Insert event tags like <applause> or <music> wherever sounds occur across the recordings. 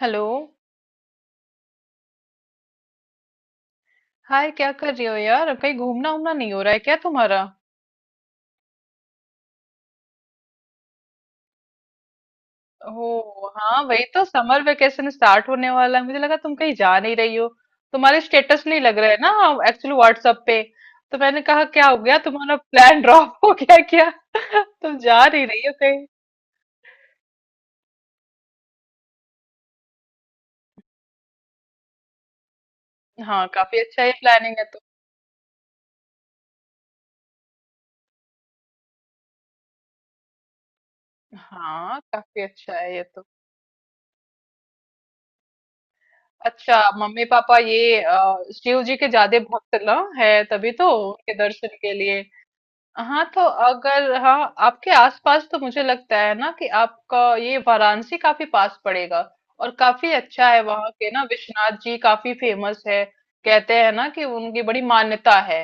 Hello. Hi, क्या कर रही हो यार? कहीं घूमना उमना नहीं हो रहा है क्या तुम्हारा? ओ हाँ, वही तो, समर वेकेशन स्टार्ट होने वाला है, मुझे लगा तुम कहीं जा नहीं रही हो। तुम्हारे स्टेटस नहीं लग रहे हैं ना एक्चुअली व्हाट्सएप पे, तो मैंने कहा क्या हो गया, तुम्हारा प्लान ड्रॉप हो गया क्या <laughs> तुम जा नहीं रही हो कहीं? हाँ, काफी अच्छा ये प्लानिंग है तो। हाँ काफी अच्छा है ये तो। अच्छा, मम्मी पापा ये शिव जी के ज्यादा भक्त ना है, तभी तो उनके दर्शन के लिए। हाँ, तो अगर हाँ आपके आसपास, तो मुझे लगता है ना कि आपका ये वाराणसी काफी पास पड़ेगा। और काफी अच्छा है, वहाँ के ना विश्वनाथ जी काफी फेमस है। कहते हैं ना कि उनकी बड़ी मान्यता है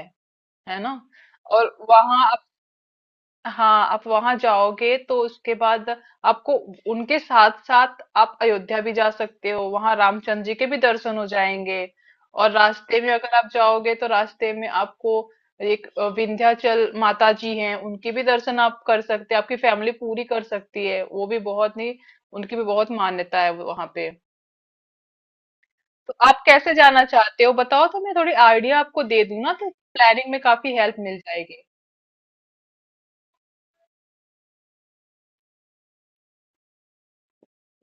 है ना। और वहाँ हाँ आप वहां जाओगे तो उसके बाद आपको उनके साथ साथ आप अयोध्या भी जा सकते हो, वहां रामचंद्र जी के भी दर्शन हो जाएंगे। और रास्ते में अगर आप जाओगे तो रास्ते में आपको एक विंध्याचल माता जी हैं, उनके भी दर्शन आप कर सकते हैं, आपकी फैमिली पूरी कर सकती है, वो भी बहुत नहीं। उनकी भी बहुत मान्यता है वहां पे। तो आप कैसे जाना चाहते हो बताओ, तो मैं थोड़ी आइडिया आपको दे दूं ना, तो प्लानिंग में काफी हेल्प मिल जाएगी।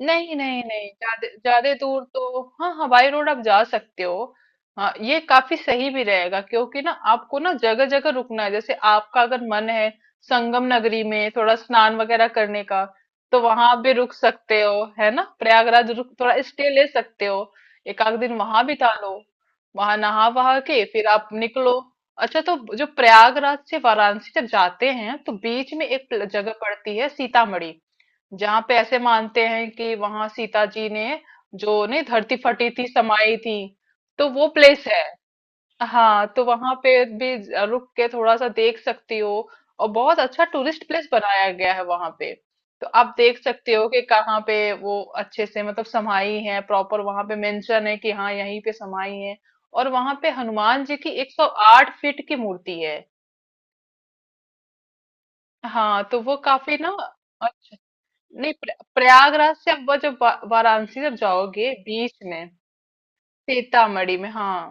नहीं नहीं नहीं ज्यादा ज्यादा दूर तो, हाँ, हवाई रोड आप जा सकते हो। हाँ, ये काफी सही भी रहेगा क्योंकि ना आपको ना जगह जगह रुकना है। जैसे आपका अगर मन है संगम नगरी में थोड़ा स्नान वगैरह करने का, तो वहां आप भी रुक सकते हो, है ना। प्रयागराज रुक, थोड़ा स्टे ले सकते हो, एक आध दिन वहां बिता लो। वहां नहा वहा के फिर आप निकलो। अच्छा, तो जो प्रयागराज से वाराणसी जब जाते हैं तो बीच में एक जगह पड़ती है सीतामढ़ी। जहाँ पे ऐसे मानते हैं कि वहां सीता जी ने जो नहीं धरती फटी थी, समाई थी। तो वो प्लेस है। हाँ, तो वहां पे भी रुक के थोड़ा सा देख सकती हो। और बहुत अच्छा टूरिस्ट प्लेस बनाया गया है वहां पे। तो आप देख सकते हो कि कहाँ पे वो अच्छे से मतलब समाई है। प्रॉपर वहां पे मेंशन है कि हाँ, यहीं पे समाई है। और वहां पे हनुमान जी की 108 फीट की मूर्ति है। हाँ तो वो काफी ना अच्छा। नहीं, प्रयागराज से अब वो जब वाराणसी जब जाओगे बीच में, सीतामढ़ी में, हाँ।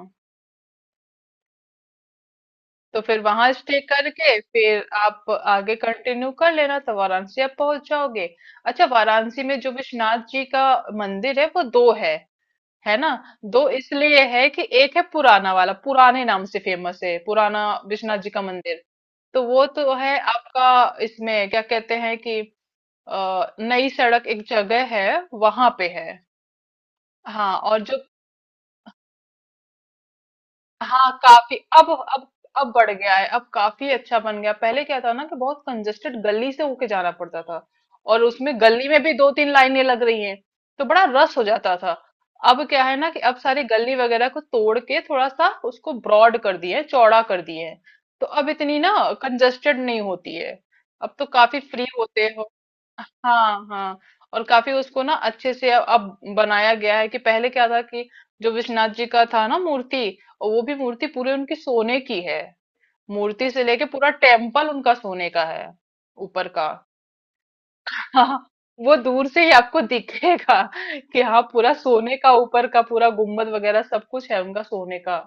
तो फिर वहां स्टे करके फिर आप आगे कंटिन्यू कर लेना, तो वाराणसी आप पहुंच जाओगे। अच्छा, वाराणसी में जो विश्वनाथ जी का मंदिर है वो दो है ना। दो इसलिए है कि एक है पुराना वाला, पुराने नाम से फेमस है, पुराना विश्वनाथ जी का मंदिर। तो वो तो है आपका, इसमें क्या कहते हैं कि नई सड़क, एक जगह है, वहां पे है। हाँ और जो हाँ काफी अब अब बढ़ गया है, अब काफी अच्छा बन गया। पहले क्या था ना कि बहुत कंजेस्टेड गली से होके जाना पड़ता था। और उसमें गली में भी दो तीन लाइनें लग रही हैं, तो बड़ा रस हो जाता था। अब क्या है ना कि अब सारी गली वगैरह को तोड़ के थोड़ा सा उसको ब्रॉड कर दिए हैं, चौड़ा कर दिए हैं। तो अब इतनी ना कंजेस्टेड नहीं होती है, अब तो काफी फ्री होते हो। हाँ हाँ, और काफी उसको ना अच्छे से अब बनाया गया है। कि पहले क्या था कि जो विश्वनाथ जी का था ना मूर्ति, और वो भी मूर्ति पूरे उनकी सोने की है। मूर्ति से लेके पूरा टेम्पल उनका सोने का है, ऊपर का। हाँ, वो दूर से ही आपको दिखेगा कि हाँ पूरा सोने का, ऊपर का पूरा गुम्बद वगैरह सब कुछ है उनका सोने का।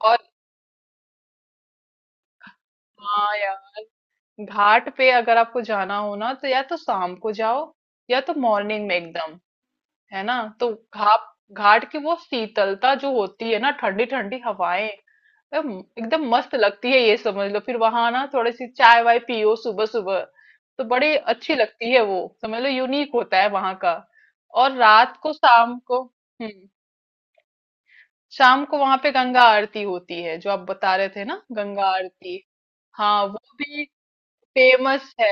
और हाँ यार, घाट पे अगर आपको जाना हो ना तो या तो शाम को जाओ, या तो मॉर्निंग में एकदम, है ना। तो घाप घाट की वो शीतलता जो होती है ना, ठंडी ठंडी हवाएं, एकदम एकदम मस्त लगती है, ये समझ लो। फिर वहां ना थोड़ी सी चाय वाय पियो सुबह सुबह, तो बड़ी अच्छी लगती है वो। समझ लो यूनिक होता है वहां का। और रात को, शाम को, हम्म, शाम को वहां पे गंगा आरती होती है, जो आप बता रहे थे ना, गंगा आरती, हाँ, वो भी फेमस है।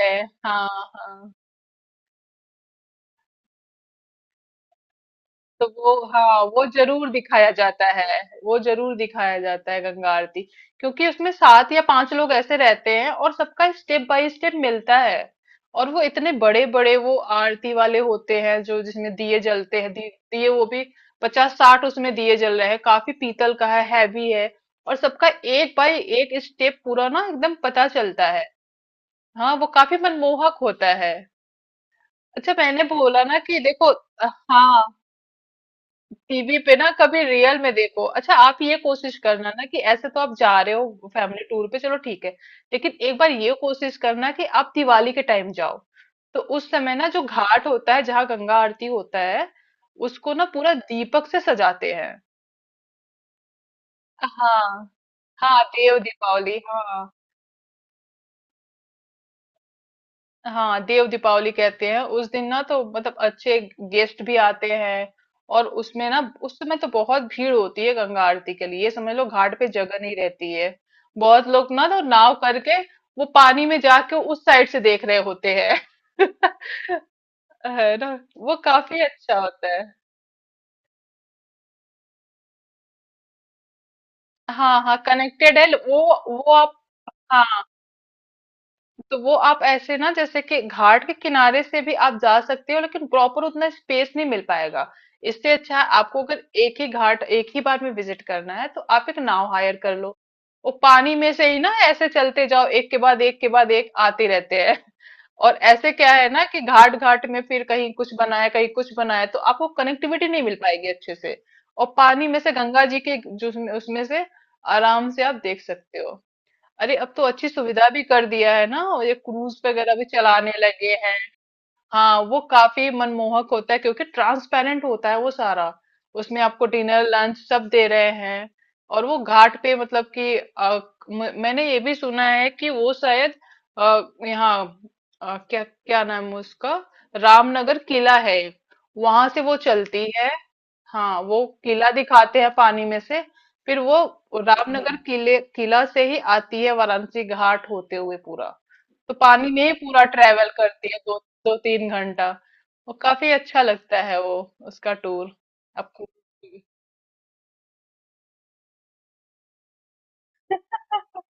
हाँ हाँ, तो वो हाँ वो जरूर दिखाया जाता है, वो जरूर दिखाया जाता है गंगा आरती। क्योंकि उसमें सात या पांच लोग ऐसे रहते हैं, और सबका स्टेप बाय स्टेप मिलता है। और वो इतने बड़े बड़े वो आरती वाले होते हैं जो जिसमें दिए जलते हैं, दिए, वो भी पचास साठ उसमें दिए जल रहे हैं, काफी पीतल का है, हैवी है। और सबका एक बाय एक स्टेप पूरा ना एकदम पता चलता है। हाँ, वो काफी मनमोहक होता है। अच्छा मैंने बोला ना कि देखो, हाँ, टीवी पे ना कभी रियल में देखो। अच्छा आप ये कोशिश करना ना कि ऐसे तो आप जा रहे हो फैमिली टूर पे, चलो ठीक है, लेकिन एक बार ये कोशिश करना कि आप दिवाली के टाइम जाओ। तो उस समय ना जो घाट होता है जहाँ गंगा आरती होता है, उसको ना पूरा दीपक से सजाते हैं। हाँ हाँ, देव दीपावली, हाँ। हाँ, देव दीपावली कहते हैं। उस दिन ना तो मतलब अच्छे गेस्ट भी आते हैं, और उसमें ना उस समय तो बहुत भीड़ होती है गंगा आरती के लिए। समझ लो घाट पे जगह नहीं रहती है, बहुत लोग ना तो नाव करके वो पानी में जाके उस साइड से देख रहे होते हैं। <laughs> है ना, वो काफी अच्छा होता है। हाँ हाँ कनेक्टेड है वो। वो आप, हाँ, तो वो आप ऐसे ना, जैसे कि घाट के किनारे से भी आप जा सकते हो, लेकिन प्रॉपर उतना स्पेस नहीं मिल पाएगा। इससे अच्छा है, आपको अगर एक ही घाट एक ही बार में विजिट करना है, तो आप एक नाव हायर कर लो। वो पानी में से ही ना ऐसे चलते जाओ, एक के बाद एक के बाद एक आते रहते हैं। और ऐसे क्या है ना कि घाट घाट में फिर कहीं कुछ बनाया, कहीं कुछ बनाया, तो आपको कनेक्टिविटी नहीं मिल पाएगी अच्छे से। और पानी में से गंगा जी के जो उसमें उसमें से आराम से आप देख सकते हो। अरे अब तो अच्छी सुविधा भी कर दिया है ना, और ये क्रूज वगैरह भी चलाने लगे हैं। हाँ, वो काफी मनमोहक होता है क्योंकि ट्रांसपेरेंट होता है वो सारा। उसमें आपको डिनर लंच सब दे रहे हैं। और वो घाट पे मतलब कि मैंने ये भी सुना है कि वो शायद अ, यहाँ क्या क्या नाम है उसका, रामनगर किला है, वहां से वो चलती है। हाँ, वो किला दिखाते हैं पानी में से। फिर वो रामनगर किले किला से ही आती है वाराणसी घाट होते हुए पूरा। तो पानी में ही पूरा ट्रेवल करती है, दो दो तीन घंटा। वो काफी अच्छा लगता है वो, उसका टूर आपको। <laughs>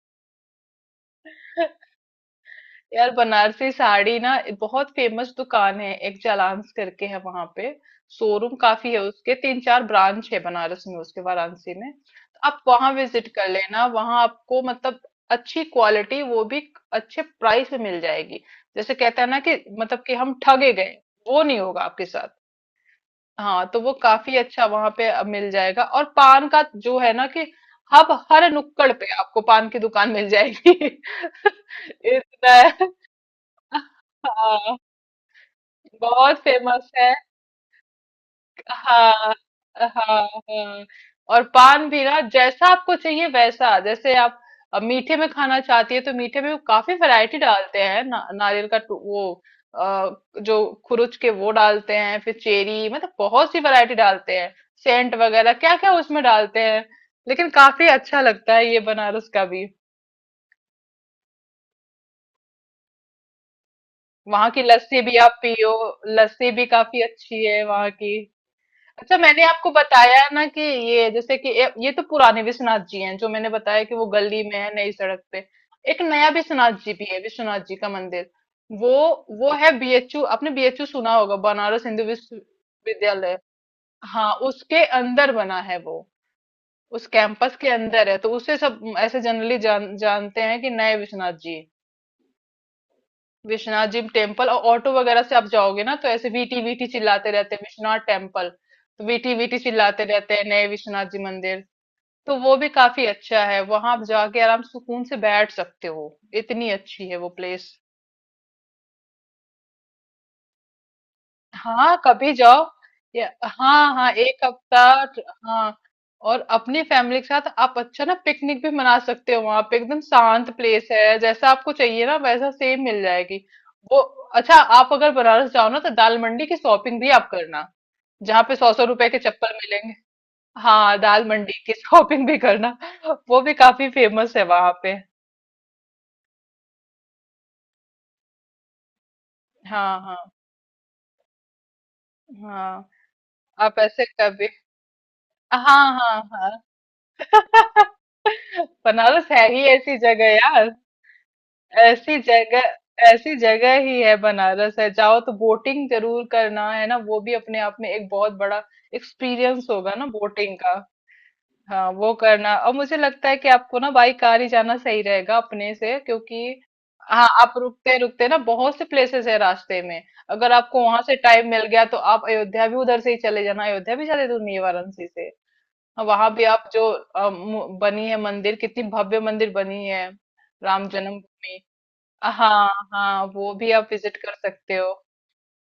यार, बनारसी साड़ी ना बहुत फेमस दुकान है, एक जालांस करके है वहां पे। शोरूम काफी है उसके, तीन चार ब्रांच है बनारस में उसके, वाराणसी में, तो आप वहां विजिट कर लेना, वहां आपको मतलब अच्छी क्वालिटी वो भी अच्छे प्राइस में मिल जाएगी। जैसे कहते हैं ना कि मतलब कि हम ठगे गए, वो नहीं होगा आपके साथ। हाँ, तो वो काफी अच्छा वहां पे मिल जाएगा। और पान का जो है ना कि हब, हर नुक्कड़ पे आपको पान की दुकान मिल जाएगी। <laughs> इतना, हाँ, बहुत फेमस है। हाँ हाँ, हाँ और पान भी ना जैसा आपको चाहिए वैसा, जैसे आप मीठे में खाना चाहती है तो मीठे में वो काफी वैरायटी डालते हैं ना, नारियल का वो अ, जो खुरुच के वो डालते हैं, फिर चेरी मतलब बहुत सी वैरायटी डालते हैं, सेंट वगैरह क्या क्या उसमें डालते हैं। लेकिन काफी अच्छा लगता है ये बनारस का भी। वहां की लस्सी भी आप पियो, लस्सी भी काफी अच्छी है वहां की। अच्छा मैंने आपको बताया ना कि ये जैसे कि ये तो पुराने विश्वनाथ जी हैं जो मैंने बताया कि वो गली में है नई सड़क पे। एक नया विश्वनाथ जी भी है, विश्वनाथ जी का मंदिर, वो वो है बीएचयू, आपने बीएचयू सुना होगा, बनारस हिंदू विश्वविद्यालय। हाँ उसके अंदर बना है वो, उस कैंपस के अंदर है, तो उसे सब ऐसे जनरली जानते हैं कि नए विश्वनाथ जी टेम्पल। और ऑटो वगैरह से आप जाओगे ना तो ऐसे वीटी वीटी चिल्लाते रहते हैं, विश्वनाथ टेम्पल तो वीटी वीटी चिल्लाते रहते हैं, नए विश्वनाथ जी मंदिर। तो वो भी काफी अच्छा है, वहां आप जाके आराम से सुकून से बैठ सकते हो। इतनी अच्छी है वो प्लेस। हाँ कभी जाओ, या, हाँ हाँ, एक हफ्ता, हाँ। और अपनी फैमिली के साथ आप अच्छा ना पिकनिक भी मना सकते हो, वहां पे एकदम शांत प्लेस है, जैसा आपको चाहिए ना वैसा सेम मिल जाएगी वो। अच्छा, आप अगर बनारस जाओ ना तो दाल मंडी की शॉपिंग भी आप करना, जहाँ पे सौ सौ रुपए के चप्पल मिलेंगे। हाँ, दाल मंडी की <laughs> शॉपिंग भी करना, वो भी काफी फेमस है वहां पे। हाँ हाँ, हाँ आप ऐसे कभी, हाँ हाँ हाँ। <laughs> बनारस है ही ऐसी जगह यार। ऐसी जगह, ऐसी जगह ही है बनारस, है जाओ तो बोटिंग जरूर करना, है ना, वो भी अपने आप में एक बहुत बड़ा एक्सपीरियंस होगा ना, बोटिंग का। हाँ, वो करना। और मुझे लगता है कि आपको ना बाई कार ही जाना सही रहेगा अपने से, क्योंकि हाँ आप रुकते रुकते ना बहुत से प्लेसेस है रास्ते में। अगर आपको वहां से टाइम मिल गया तो आप अयोध्या भी उधर से ही चले जाना, अयोध्या भी ज्यादा दूर नहीं है वाराणसी से। वहां भी आप जो बनी है मंदिर, कितनी भव्य मंदिर बनी है, राम जन्मभूमि। हाँ हाँ, वो भी आप विजिट कर सकते हो,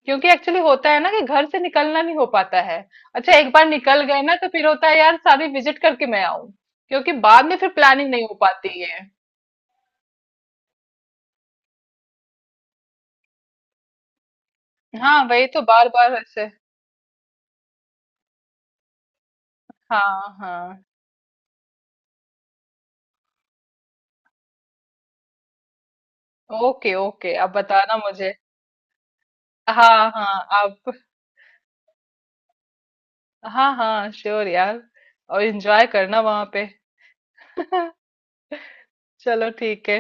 क्योंकि एक्चुअली होता है ना कि घर से निकलना नहीं हो पाता है। अच्छा एक बार निकल गए ना तो फिर होता है यार, सारी विजिट करके मैं आऊं, क्योंकि बाद में फिर प्लानिंग नहीं हो पाती है। हाँ वही तो, बार बार ऐसे, हाँ हाँ। ओके ओके, आप बताना मुझे, हाँ हाँ, आप, हाँ हाँ श्योर यार। और एंजॉय करना वहां पे। चलो ठीक है,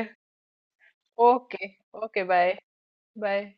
ओके, ओके बाय, बाय।